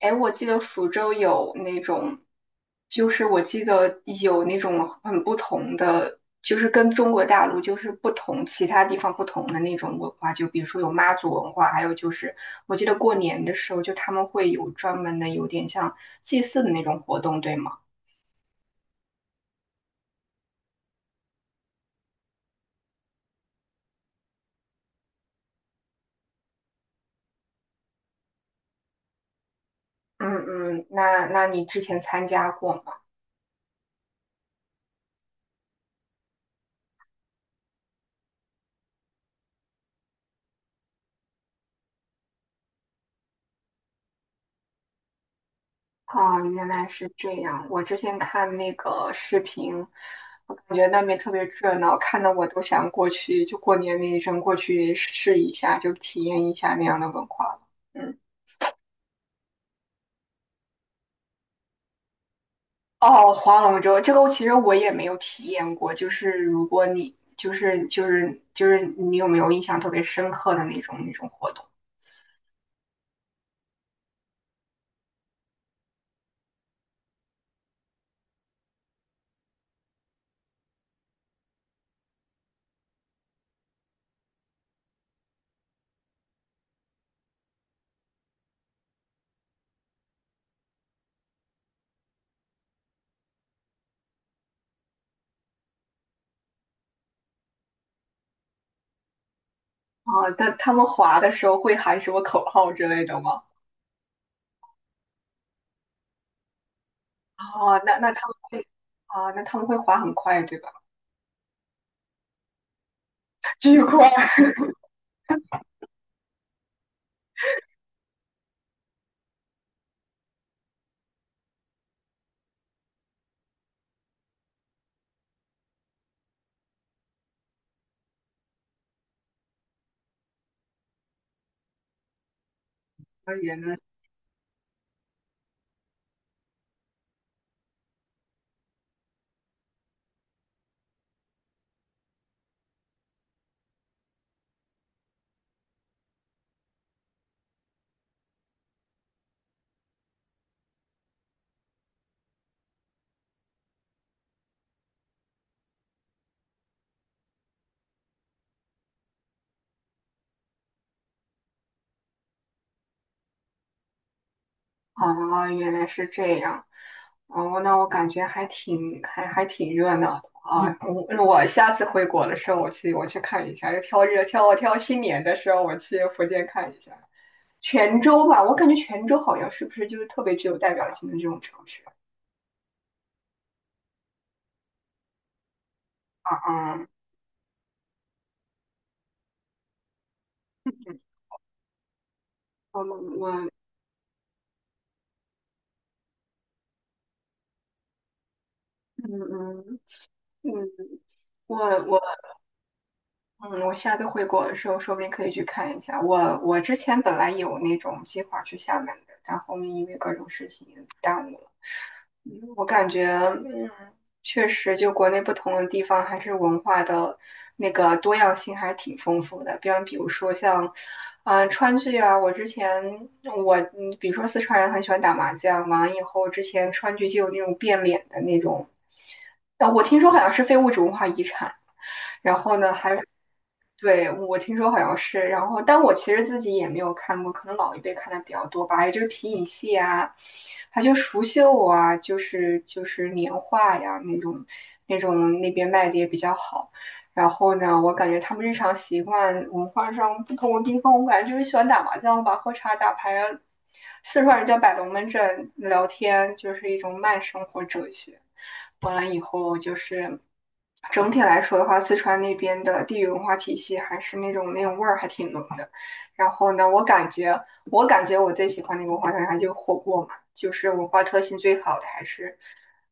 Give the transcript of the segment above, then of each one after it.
哎，我记得福州有那种，就是我记得有那种很不同的，就是跟中国大陆就是不同，其他地方不同的那种文化，就比如说有妈祖文化，还有就是我记得过年的时候，就他们会有专门的有点像祭祀的那种活动，对吗？嗯嗯，那你之前参加过吗？啊，原来是这样。我之前看那个视频，我感觉那边特别热闹，看得我都想过去，就过年那一阵过去试一下，就体验一下那样的文化了。嗯。哦，划龙舟这个其实我也没有体验过，就是如果你你有没有印象特别深刻的那种活动？啊？但他们划的时候会喊什么口号之类的吗？哦，那那他们会。啊，那他们会划很快，对吧？巨快。原来。哦，原来是这样。哦，那我感觉还挺热闹的啊！我我下次回国的时候，我去看一下，要挑日挑挑新年的时候，我去福建看一下泉州吧。我感觉泉州好像是不是就是特别具有代表性的这种城市？啊？啊，嗯，我我。嗯嗯嗯，我我。嗯，我下次回国的时候，说不定可以去看一下。我之前本来有那种计划去厦门的，但后面因为各种事情耽误了。我感觉，嗯，确实，就国内不同的地方，还是文化的那个多样性还是挺丰富的。比如说像，嗯、川剧啊，我之前我，嗯，比如说四川人很喜欢打麻将，完了以后，之前川剧就有那种变脸的那种，我听说好像是非物质文化遗产。然后呢，还。对，我听说好像是，然后但我其实自己也没有看过，可能老一辈看的比较多吧，也就是皮影戏啊，还就蜀绣啊，就是年画呀那种，那种那边卖的也比较好。然后呢，我感觉他们日常习惯、文化上不同的地方，我感觉就是喜欢打麻将吧、喝茶、打牌啊，四川人叫摆龙门阵，聊天就是一种慢生活哲学。完了以后，就是整体来说的话，四川那边的地域文化体系还是那种味儿还挺浓的。然后呢，我感觉我最喜欢那个文化特产就是火锅嘛，就是文化特性最好的还是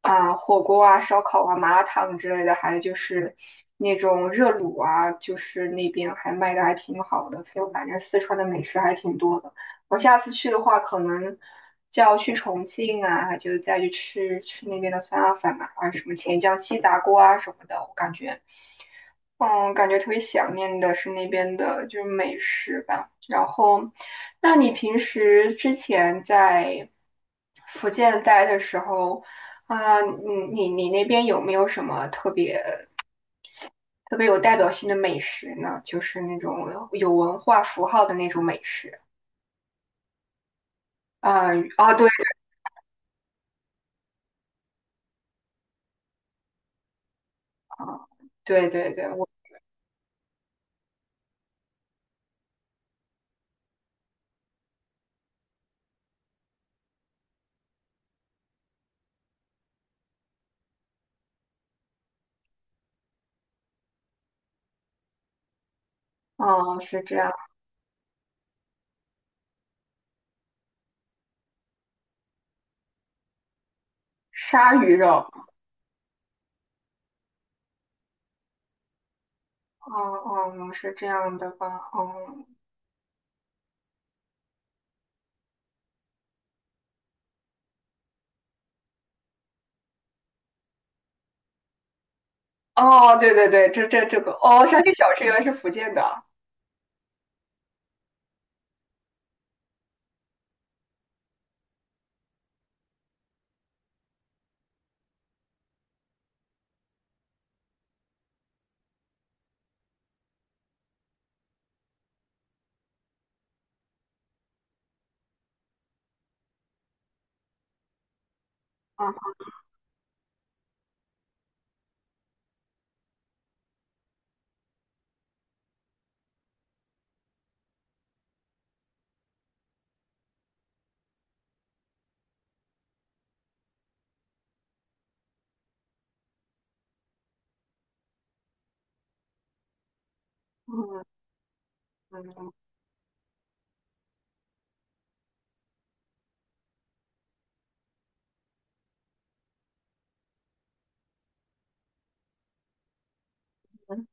啊、火锅啊、烧烤啊、麻辣烫之类的，还有就是那种热卤啊，就是那边还卖的还挺好的。就反正四川的美食还挺多的。我下次去的话，可能就要去重庆啊，就再去吃吃那边的酸辣粉啊，还有什么黔江鸡杂锅啊什么的。我感觉，嗯，感觉特别想念的是那边的，就是美食吧。然后，那你平时之前在福建待的时候，啊、你你那边有没有什么特别有代表性的美食呢？就是那种有文化符号的那种美食。啊、啊，对，对。啊，对对对，我，嗯，是这样。鲨鱼肉。嗯嗯，是这样的吧，嗯。哦，对对对，这这个哦，山区小吃原来是福建的，啊，嗯嗯，嗯。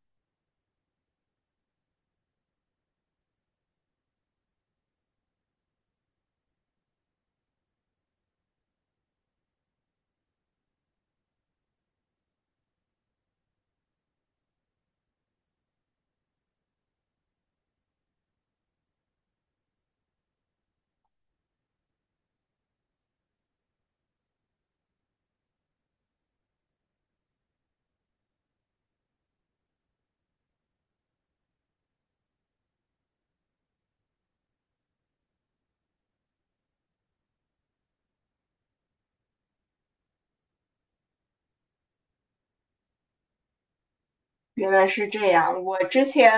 原来是这样。我之前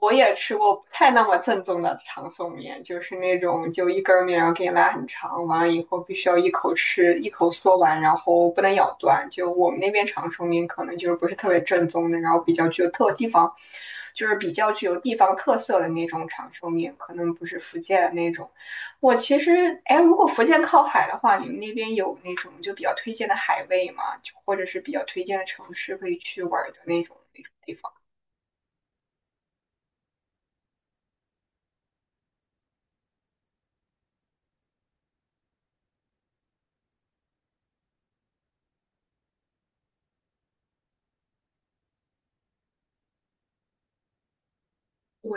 我也吃过不太那么正宗的长寿面，就是那种就一根儿面，然后给你拉很长，完了以后必须要一口吃，一口嗦完，然后不能咬断。就我们那边长寿面可能就是不是特别正宗的，然后比较具有特地方，就是比较具有地方特色的那种长寿面，可能不是福建的那种。我其实，哎，如果福建靠海的话，你们那边有那种就比较推荐的海味吗？就或者是比较推荐的城市可以去玩儿的那种地方？我。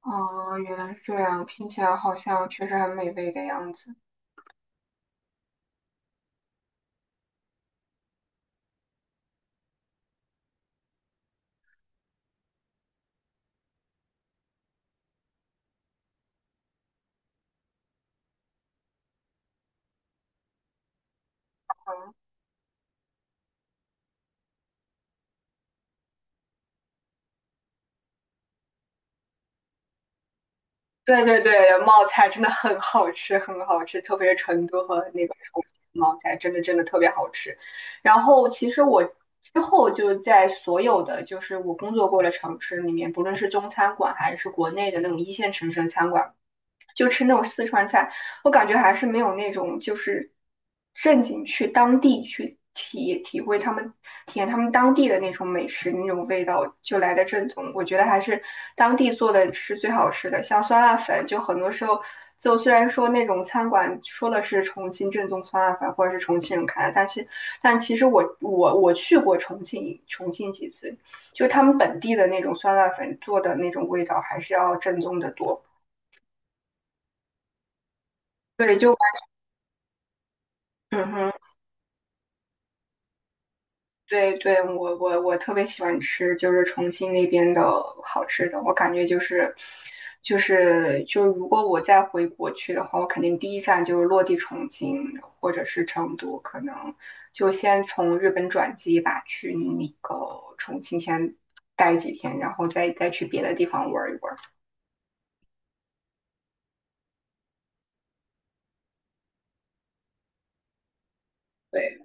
哦，原来是这样，听起来好像确实很美味的样子。嗯，对对对，冒菜真的很好吃，很好吃，特别是成都和那个重庆冒菜，真的真的特别好吃。然后其实我之后就在所有的就是我工作过的城市里面，不论是中餐馆还是国内的那种一线城市的餐馆。就吃那种四川菜，我感觉还是没有那种就是正经去当地去体会他们体验他们当地的那种美食那种味道就来的正宗。我觉得还是当地做的是最好吃的，像酸辣粉，就很多时候就虽然说那种餐馆说的是重庆正宗酸辣粉或者是重庆人开的，但是但其实我我去过重庆几次，就他们本地的那种酸辣粉做的那种味道还是要正宗的多。对，就。嗯哼，对对，我我特别喜欢吃，就是重庆那边的好吃的。我感觉就是，就是就如果我再回国去的话，我肯定第一站就是落地重庆或者是成都，可能就先从日本转机吧，去那个重庆先待几天，然后再去别的地方玩一玩。对。